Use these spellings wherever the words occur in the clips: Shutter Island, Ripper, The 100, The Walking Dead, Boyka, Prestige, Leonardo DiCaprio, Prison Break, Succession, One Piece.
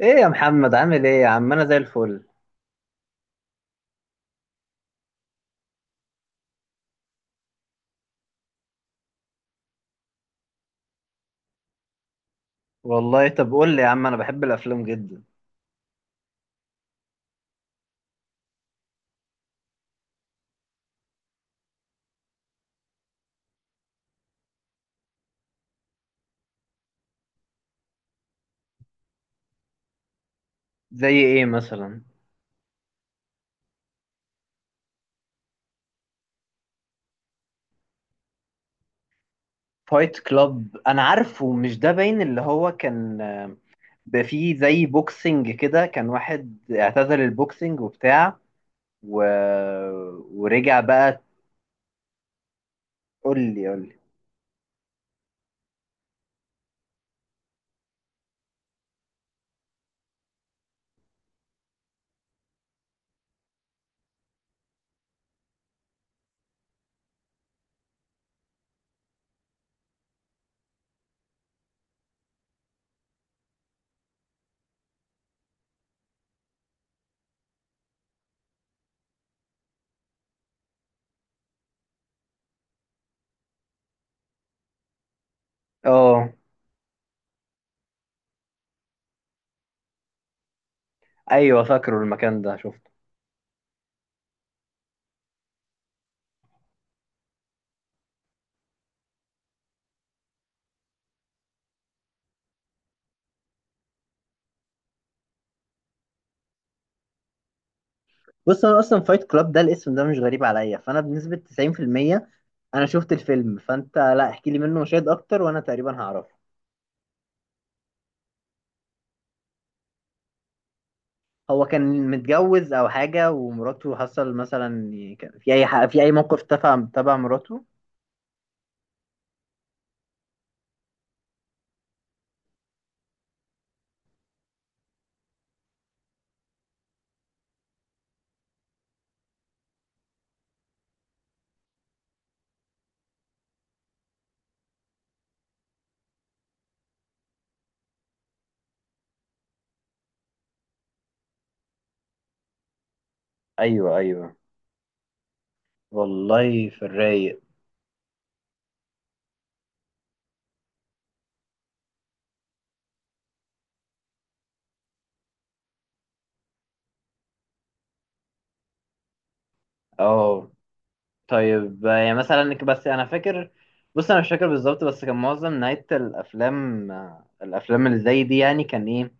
ايه يا محمد، عامل ايه يا عم؟ انا زي الفل. والله، طب قول لي يا عم، انا بحب الافلام جدا. زي ايه مثلا؟ فايت كلاب انا عارفه، مش ده باين اللي هو كان، بقى فيه زي بوكسنج كده، كان واحد اعتزل البوكسنج وبتاع و... ورجع بقى. قول لي قول لي. اه، ايوه فاكره المكان ده، شفته. بص، انا اصلا فايت كلاب ده الاسم ده مش غريب عليا، فانا بنسبة 90% انا شفت الفيلم، فانت لا احكي لي منه مشاهد اكتر وانا تقريبا هعرفه. هو كان متجوز او حاجه، ومراته حصل مثلا، كان في اي حق في اي موقف تبع تبع مراته؟ ايوه، ايوه. والله، في الرايق. اه طيب، يعني مثلا بس انا فاكر، بص انا مش فاكر بالظبط، بس كان معظم نهايه الافلام، الافلام اللي زي دي، يعني كان ايه،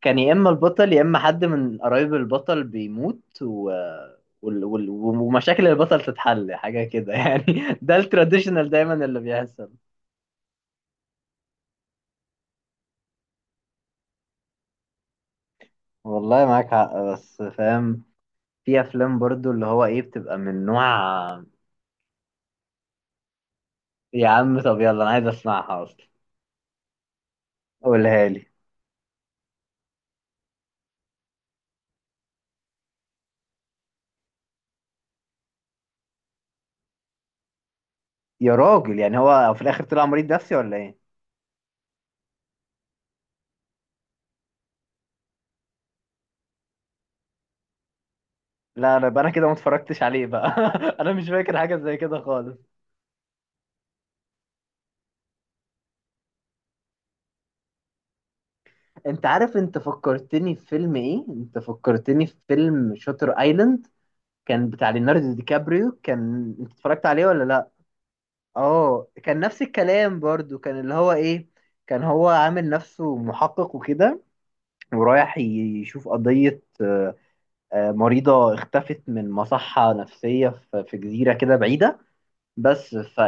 كان يا اما البطل يا اما حد من قرايب البطل بيموت ومشاكل البطل تتحل حاجه كده يعني، ده التراديشنال دايما اللي بيحصل. والله معاك حق، بس فاهم، في افلام برضو اللي هو ايه، بتبقى من نوع. يا عم طب يلا، انا عايز اسمعها اصلا، قولها لي. يا راجل، يعني هو في الاخر طلع مريض نفسي ولا ايه؟ لا لا، يبقى انا كده ما اتفرجتش عليه بقى. انا مش فاكر حاجه زي كده خالص. انت عارف، انت فكرتني في فيلم شاتر ايلاند، كان بتاع ليوناردو دي كابريو. كان انت اتفرجت عليه ولا لا؟ اه، كان نفس الكلام برضو، كان اللي هو ايه، كان هو عامل نفسه محقق وكده، ورايح يشوف قضية، مريضة اختفت من مصحة نفسية في جزيرة كده بعيدة. بس ف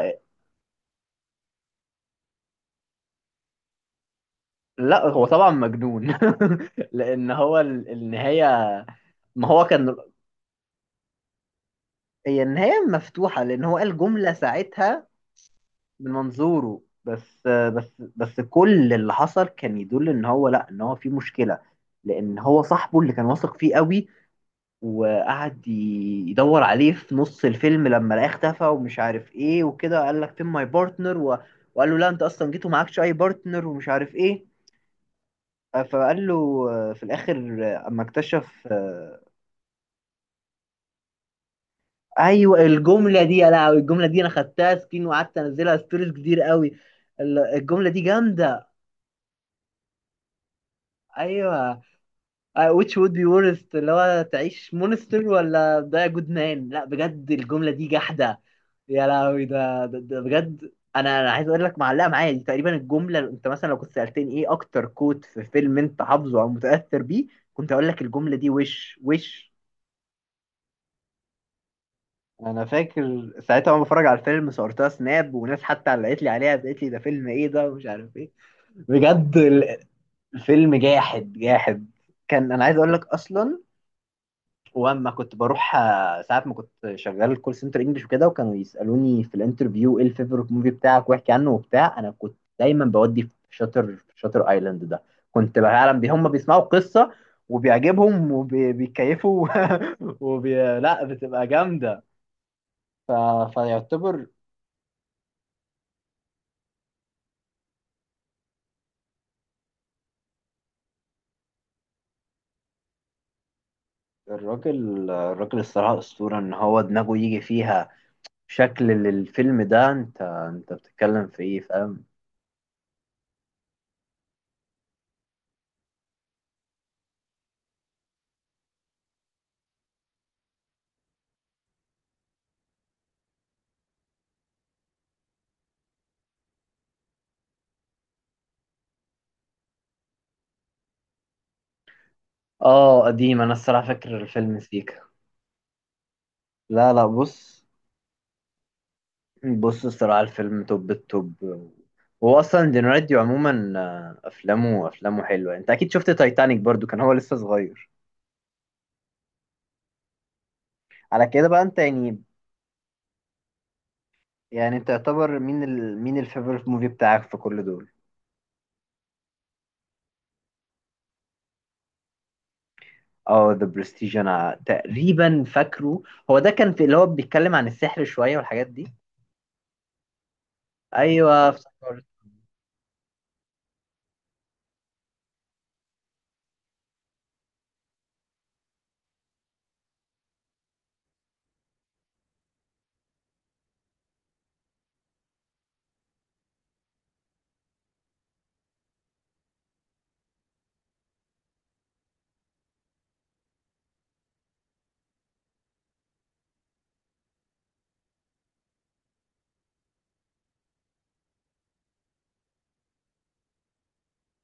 لا هو طبعا مجنون. لأن هو النهاية، ما هو كان هي النهاية مفتوحة، لأن هو قال جملة ساعتها، من منظوره. بس كل اللي حصل كان يدل إن هو، لا، إن هو في مشكلة، لأن هو صاحبه اللي كان واثق فيه قوي، وقعد يدور عليه في نص الفيلم، لما لقاه اختفى ومش عارف ايه وكده، قال لك فين ماي بارتنر، وقال له لا انت اصلا جيت ومعكش اي بارتنر ومش عارف ايه. فقال له، في الاخر، اما اكتشف، ايوه الجمله دي. يا لهوي، الجمله دي انا خدتها سكين وقعدت انزلها ستوريز كتير قوي. الجمله دي جامده. ايوه، which would be worst، اللي هو تعيش مونستر ولا ده جود مان. لا بجد الجملة دي جحدة. يا لهوي، ده بجد، انا عايز اقول لك، معلقة معايا دي تقريبا الجملة. انت مثلا لو كنت سألتني ايه اكتر كوت في فيلم انت حافظه او متأثر بيه، كنت اقول لك الجملة دي. وش وش. انا فاكر ساعتها وانا بتفرج على الفيلم، صورتها سناب، وناس حتى علقت لي عليها قالت لي ده فيلم ايه ده ومش عارف ايه. بجد الفيلم جاحد جاحد. كان انا عايز اقول لك اصلا، واما كنت بروح، ساعات ما كنت شغال كول سنتر انجلش وكده، وكانوا يسالوني في الانترفيو ايه الفيفورت موفي بتاعك واحكي عنه وبتاع، انا كنت دايما بودي في شاتر، في شاتر ايلاند ده. كنت فعلا بي هم بيسمعوا قصه، وبيعجبهم وبيكيفوا. لا بتبقى جامده. ف... فيعتبر، الراجل الراجل الصراحه اسطوره، ان هو دماغه يجي فيها شكل للفيلم ده، انت بتتكلم في ايه فاهم؟ اه قديم، انا الصراحه فاكر الفيلم سيكا. لا لا، بص، بص الصراحة الفيلم توب التوب. هو أصلا دينارديو عموما، أفلامه أفلامه حلوة. أنت أكيد شفت تايتانيك برضو، كان هو لسه صغير على كده بقى أنت يعني. يعني أنت يعتبر مين مين الفيفورت موفي بتاعك في كل دول؟ اه ذا برستيج، أنا تقريبا فاكره. هو ده كان في اللي هو بيتكلم عن السحر شوية والحاجات دي. أيوه افتكرت.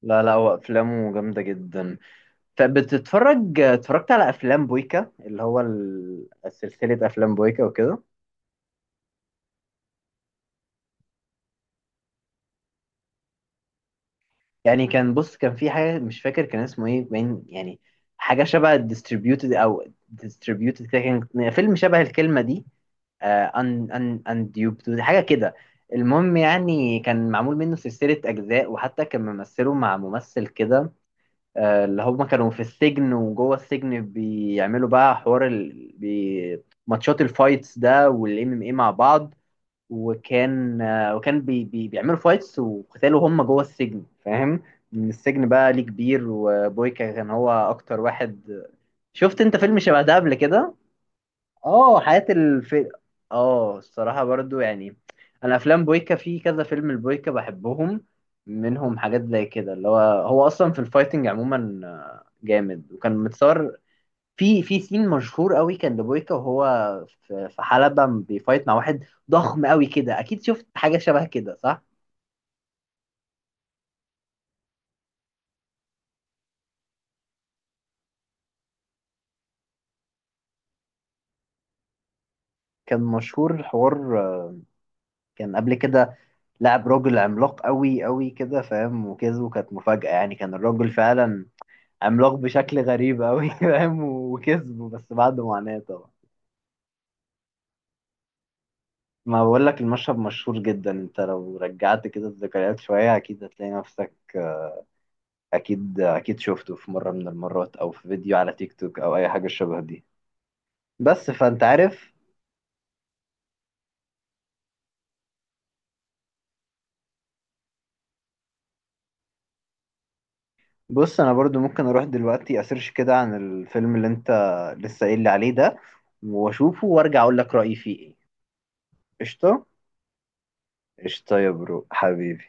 لا لا، هو أفلامه جامدة جدا. فبتتفرج، اتفرجت على أفلام بويكا، اللي هو سلسلة أفلام بويكا وكده. يعني كان، بص كان في حاجه مش فاكر كان اسمه ايه باين يعني، حاجه شبه ديستريبيوتد او ديستريبيوتد كده، كان فيلم شبه الكلمه دي، ان انديوبد حاجه كده. المهم، يعني كان معمول منه سلسله اجزاء، وحتى كان ممثله مع ممثل كده، اللي هما كانوا في السجن، وجوه السجن بيعملوا بقى حوار ماتشات الفايتس ده والام ام اي مع بعض. وكان، بي بيعملوا فايتس وقتالوا هم جوه السجن فاهم. من السجن بقى ليه كبير، وبويكا كان هو اكتر واحد. شفت انت فيلم شبه ده قبل كده؟ اه حياة الف اه الصراحة برضو يعني، انا افلام بويكا في كذا فيلم البويكا بحبهم، منهم حاجات زي كده اللي هو، هو اصلا في الفايتنج عموما، جامد وكان متصور. في سين مشهور قوي كان لبويكا، وهو في حلبة بيفايت مع واحد ضخم قوي كده، اكيد شفت حاجة شبه كده صح؟ كان مشهور الحوار، كان قبل كده لعب راجل عملاق قوي قوي كده فاهم، وكسبه كانت مفاجأة. يعني كان الراجل فعلا عملاق بشكل غريب قوي. فاهم، وكسبه بس بعد معاناة طبعا. ما بقول لك المشهد مشهور جدا، انت لو رجعت كده الذكريات شوية اكيد هتلاقي نفسك، اكيد اكيد شفته في مرة من المرات او في فيديو على تيك توك او اي حاجة شبه دي. بس فانت عارف. بص انا برضو ممكن اروح دلوقتي اسيرش كده عن الفيلم اللي انت لسه قايل لي عليه ده، واشوفه وارجع اقول لك رأيي فيه ايه. قشطة. قشطة يا برو حبيبي.